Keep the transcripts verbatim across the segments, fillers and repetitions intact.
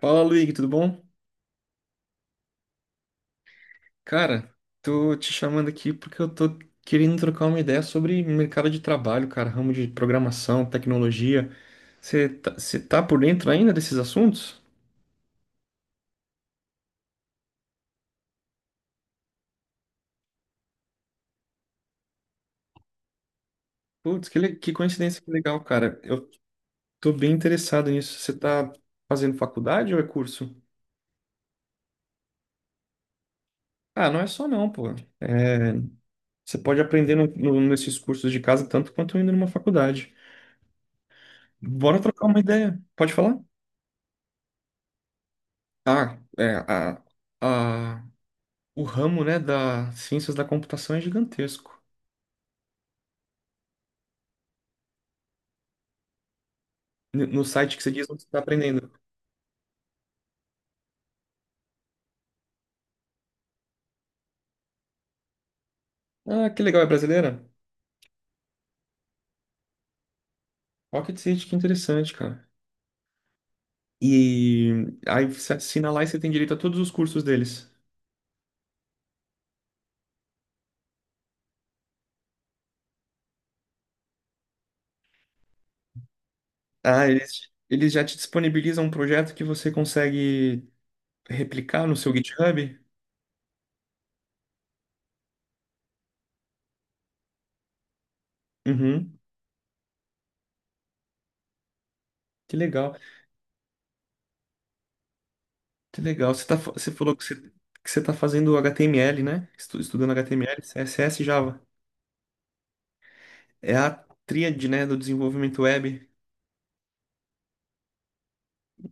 Fala, Luigi, tudo bom? Cara, tô te chamando aqui porque eu tô querendo trocar uma ideia sobre mercado de trabalho, cara, ramo de programação, tecnologia. Você tá, você tá por dentro ainda desses assuntos? Putz, que, le- que coincidência legal, cara. Eu tô bem interessado nisso. Você tá fazendo faculdade ou é curso? Ah, não é só não, pô. É, você pode aprender no- no- nesses cursos de casa tanto quanto indo numa faculdade. Bora trocar uma ideia. Pode falar? Ah, é, a, a, O ramo, né, das ciências da computação é gigantesco. N- No site que você diz onde você está aprendendo. Ah, que legal, é brasileira? Rocket City, que interessante, cara. E aí você assina lá e você tem direito a todos os cursos deles. Ah, eles, eles já te disponibilizam um projeto que você consegue replicar no seu GitHub? Uhum, que legal, que legal. Você, tá, fa- você falou que você, que você tá fazendo H T M L, né? Estu- Estudando H T M L, C S S e Java. É a tríade, né, do desenvolvimento web.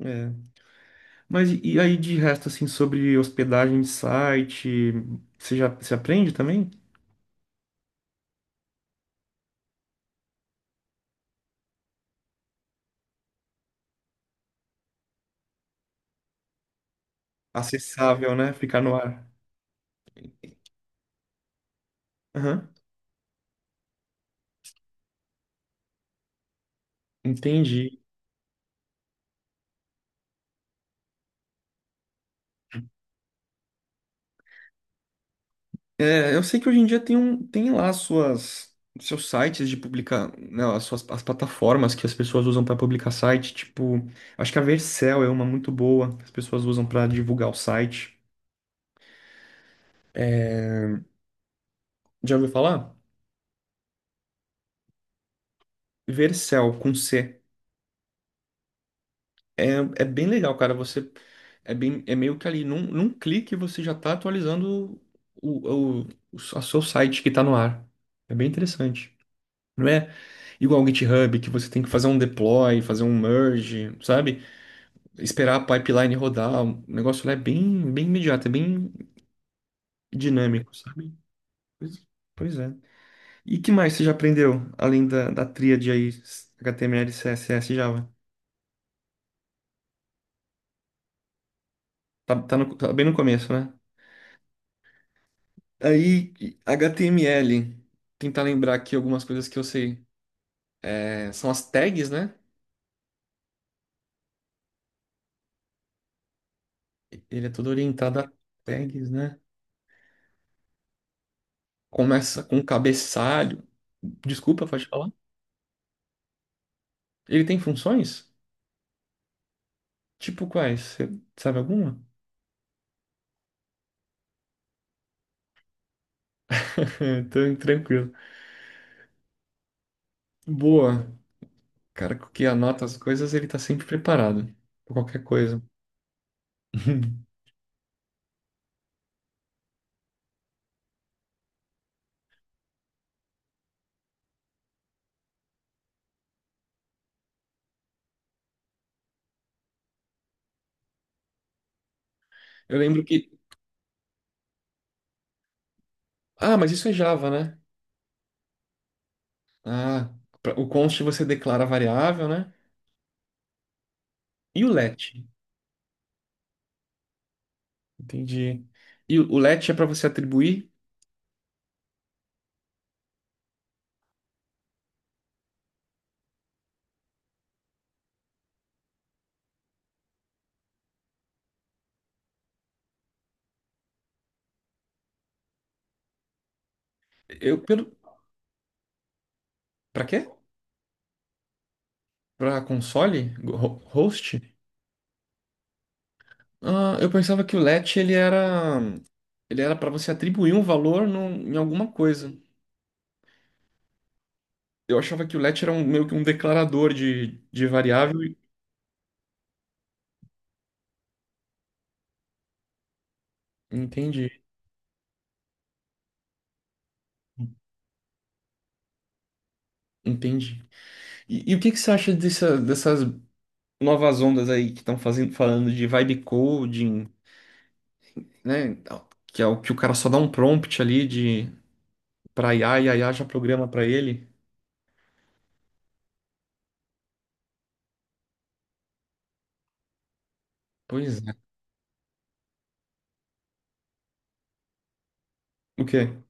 É. Mas e aí de resto, assim, sobre hospedagem de site, você já você aprende também? Acessável, né? Ficar no ar. Aham. Entendi. É, eu sei que hoje em dia tem um, tem lá suas seus sites de publicar, né, as suas as plataformas que as pessoas usam para publicar site, tipo, acho que a Vercel é uma muito boa que as pessoas usam para divulgar o site. Já ouviu falar? Vercel com C. É, é bem legal, cara. Você é bem, é meio que ali num, num clique você já tá atualizando o, o, o, a seu site que tá no ar. É bem interessante. Não é igual o GitHub que você tem que fazer um deploy, fazer um merge, sabe? Esperar a pipeline rodar. O negócio lá é bem, bem imediato, é bem dinâmico, sabe? Pois, pois é. E que mais você já aprendeu além da, da tríade aí H T M L, C S S e Java? Tá, tá, no- tá bem no começo, né? Aí, H T M L. Tentar lembrar aqui algumas coisas que eu sei. É, são as tags, né? Ele é todo orientado a tags, né? Começa com cabeçalho. Desculpa, pode falar? Ele tem funções? Tipo quais? Você sabe alguma? É, Tran- tranquilo. Boa. Cara que anota as coisas, ele tá sempre preparado. Pra qualquer coisa. Eu lembro que. Ah, mas isso é Java, né? Ah, pra- o const você declara a variável, né? E o let? Entendi. E o o LET é para você atribuir? Eu pelo para quê? Para console? Ho- Host? Ah, eu pensava que o LET ele era ele era para você atribuir um valor num- em alguma coisa. Eu achava que o LET era um- meio que um declarador de, de variável. e- Entendi, entendi. E, e o que que você acha dessa- dessas novas ondas aí que estão fazendo falando de vibe coding, né? Que é o que o cara só dá um prompt ali de para I A e a I A já programa para ele? Pois é. O quê?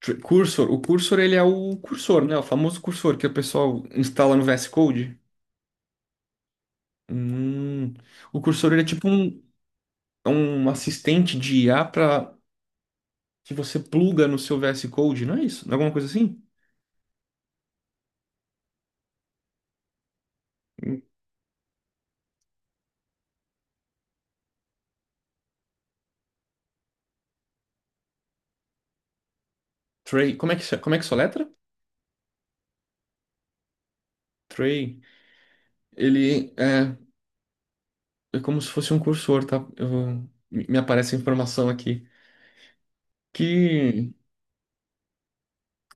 Tr- Cursor, o cursor ele é o cursor, né? O famoso cursor que o pessoal instala no V S Code. Hum. O cursor ele é tipo um, é um assistente de I A para que você pluga no seu V S Code, não é isso? Não é alguma coisa assim? Tray, como é que se- como é que soletra? Tray, ele é, é como se fosse um cursor, tá? Eu- me me aparece a informação aqui que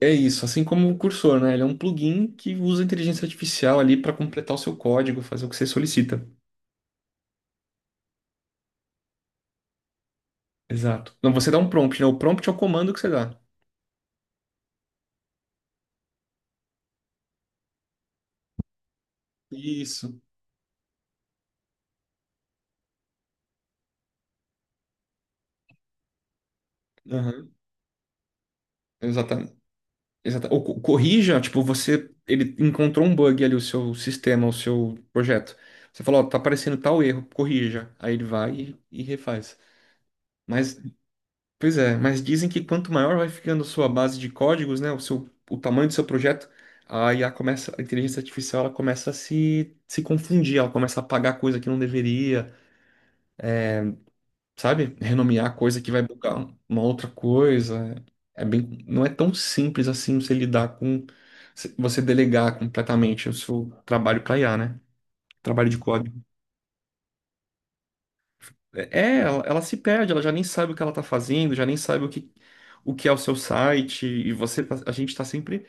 é isso, assim como o cursor, né? Ele é um plugin que usa a inteligência artificial ali para completar o seu código, fazer o que você solicita. Exato. Não, você dá um prompt, né? O prompt é o comando que você dá. Isso. Aham. Exatamente. Exata. Ou co- corrija, tipo, você ele encontrou um bug ali, o seu sistema, o seu projeto. Você falou, ó, tá aparecendo tal erro, corrija. Aí ele vai e, e refaz. Mas, pois é, mas dizem que quanto maior vai ficando a sua base de códigos, né, o seu, o tamanho do seu projeto, a I A começa, a inteligência artificial, ela começa a se, se confundir, ela começa a apagar coisa que não deveria, sabe? Renomear coisa que vai bugar uma outra coisa. É é bem, não é tão simples assim você lidar com, você delegar completamente o seu trabalho para I A, né? Trabalho de código. É, é, ela, ela se perde, ela já nem sabe o que ela tá fazendo, já nem sabe o que, o que é o seu site, e você, tá- a gente tá sempre,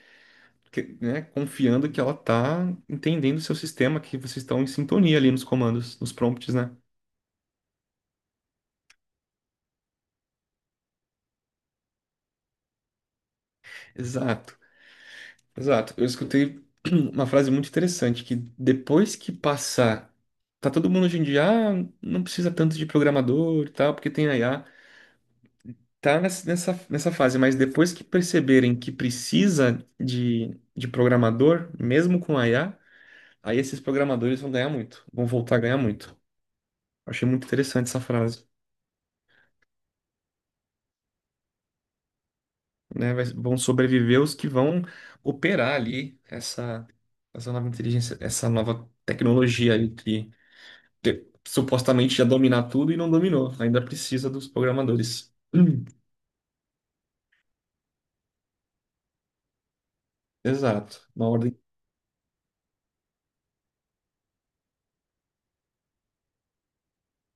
que- né, confiando que ela tá entendendo o seu sistema, que vocês estão em sintonia ali nos comandos, nos prompts, né? Exato. Exato. Eu escutei uma frase muito interessante que depois que passar, tá todo mundo hoje em dia, ah, não precisa tanto de programador e tal, porque tem a I A. Tá nessa, nessa, nessa fase, mas depois que perceberem que precisa de, de programador, mesmo com a I A, aí esses programadores vão ganhar muito, vão voltar a ganhar muito. Eu achei muito interessante essa frase, né? Vai- Vão sobreviver os que vão operar ali essa, essa nova inteligência, essa nova tecnologia ali te- supostamente já dominar tudo e não dominou. Ainda precisa dos programadores. Hum, exato. Uma ordem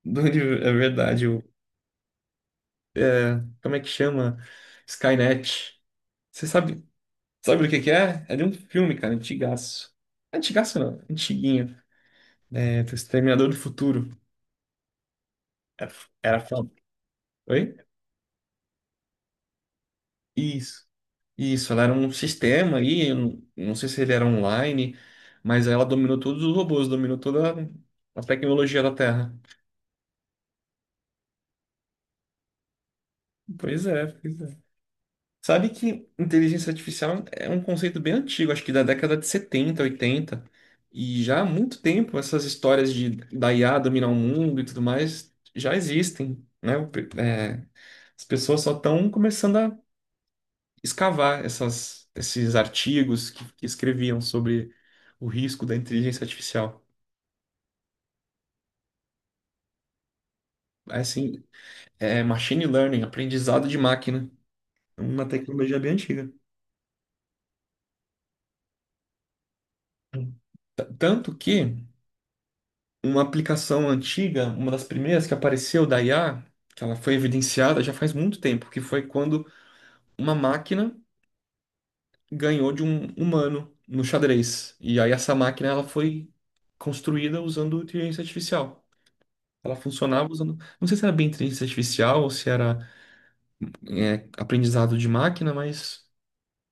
do universo. É verdade. O, como é que chama? Skynet. Você sabe, sabe do que que é? É de um filme, cara, antigaço. Antigaço não, antiguinho. É, do Exterminador do Futuro. Era, era foda. Oi? Isso. Isso, ela era um sistema aí, eu não não sei se ele era online, mas ela dominou todos os robôs, dominou toda a tecnologia da Terra. Pois é, pois é. Sabe que inteligência artificial é um conceito bem antigo, acho que da década de setenta oitenta e já há muito tempo essas histórias de da I A dominar o mundo e tudo mais já existem, né? O pe- é, as pessoas só estão começando a escavar essas, esses artigos que, que escreviam sobre o risco da inteligência artificial. É assim, é machine learning, aprendizado de máquina. É uma tecnologia bem antiga. T- Tanto que uma aplicação antiga, uma das primeiras que apareceu da I A, que ela foi evidenciada já faz muito tempo, que foi quando uma máquina ganhou de um humano no xadrez. E aí essa máquina ela foi construída usando inteligência artificial. Ela funcionava usando, não sei se era bem inteligência artificial ou se era é, aprendizado de máquina, mas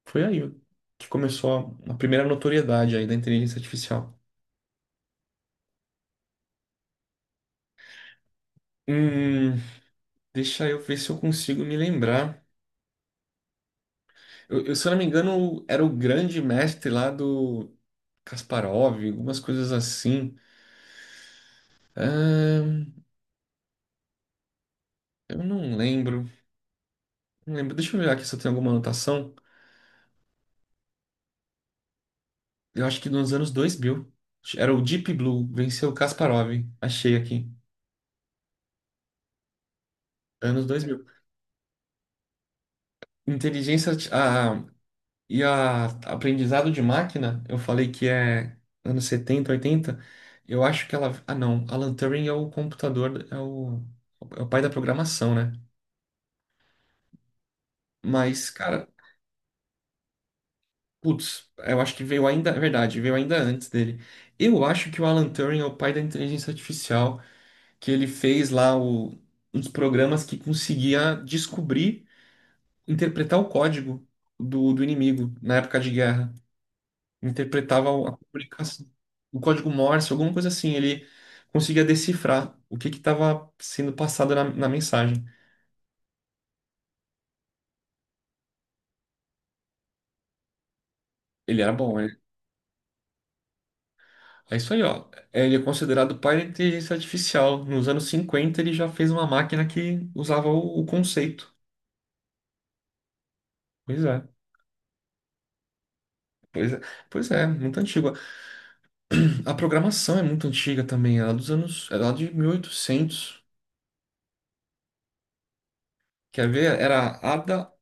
foi aí que começou a, a primeira notoriedade aí da inteligência artificial. Hum, deixa eu ver se eu consigo me lembrar. Eu, eu, se eu não me engano, era o grande mestre lá do Kasparov, algumas coisas assim. Ahn, eu não lembro. Não lembro. Deixa eu ver aqui se eu tenho alguma anotação. Eu acho que nos anos dois mil. Era o Deep Blue, venceu o Kasparov. Achei aqui. Anos dois mil. Inteligência arti- a, e a, aprendizado de máquina, eu falei que é anos setenta, oitenta. Eu acho que ela. Ah, não. Alan Turing é o computador, é o, é o pai da programação, né? Mas, cara, putz, eu acho que veio ainda, é verdade, veio ainda antes dele. Eu acho que o Alan Turing é o pai da inteligência artificial, que ele fez lá o, uns programas que conseguia descobrir, interpretar o código do, do inimigo na época de guerra. Interpretava o- a comunicação, o código Morse, alguma coisa assim. Ele conseguia decifrar o que que estava sendo passado na, na mensagem. Ele era bom. É isso aí, ó. Ele é considerado pai da inteligência artificial. Nos anos cinquenta, ele já fez uma máquina que usava o, o conceito. Pois é. Pois é, pois é, muito antiga. A programação é muito antiga também, ela é dos anos, ela é lá de mil e oitocentos. Quer ver? Era Ada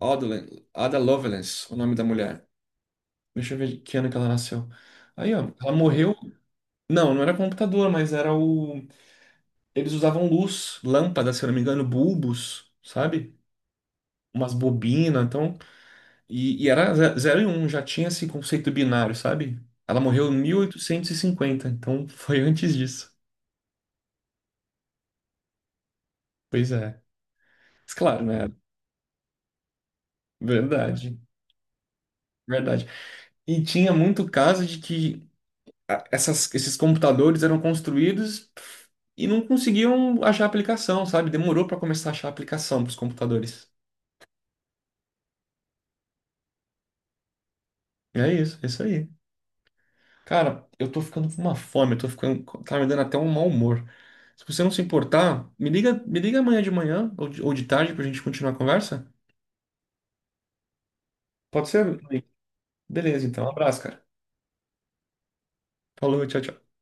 Odlen- Ada Lovelace, o nome da mulher. Deixa eu ver de que ano que ela nasceu. Aí, ó, ela morreu. Não, não era computador, mas era o. Eles usavam luz, lâmpadas, se eu não me engano, bulbos, sabe? Umas bobinas, então E, e era ze- zero e um, já tinha esse conceito binário, sabe? Ela morreu em mil oitocentos e cinquenta, então foi antes disso. Pois é. Mas claro, né? Verdade, verdade. E tinha muito caso de que a- essas- esses computadores eram construídos e não conseguiam achar a aplicação, sabe? Demorou para começar a achar a aplicação para os computadores. É isso, é isso aí. Cara, eu tô ficando com uma fome, eu tô ficando, tá me dando até um mau humor. Se você não se importar, me liga, me liga amanhã de manhã ou de, ou de tarde pra gente continuar a conversa. Pode ser? Beleza, então. Um abraço, cara. Falou, tchau, tchau.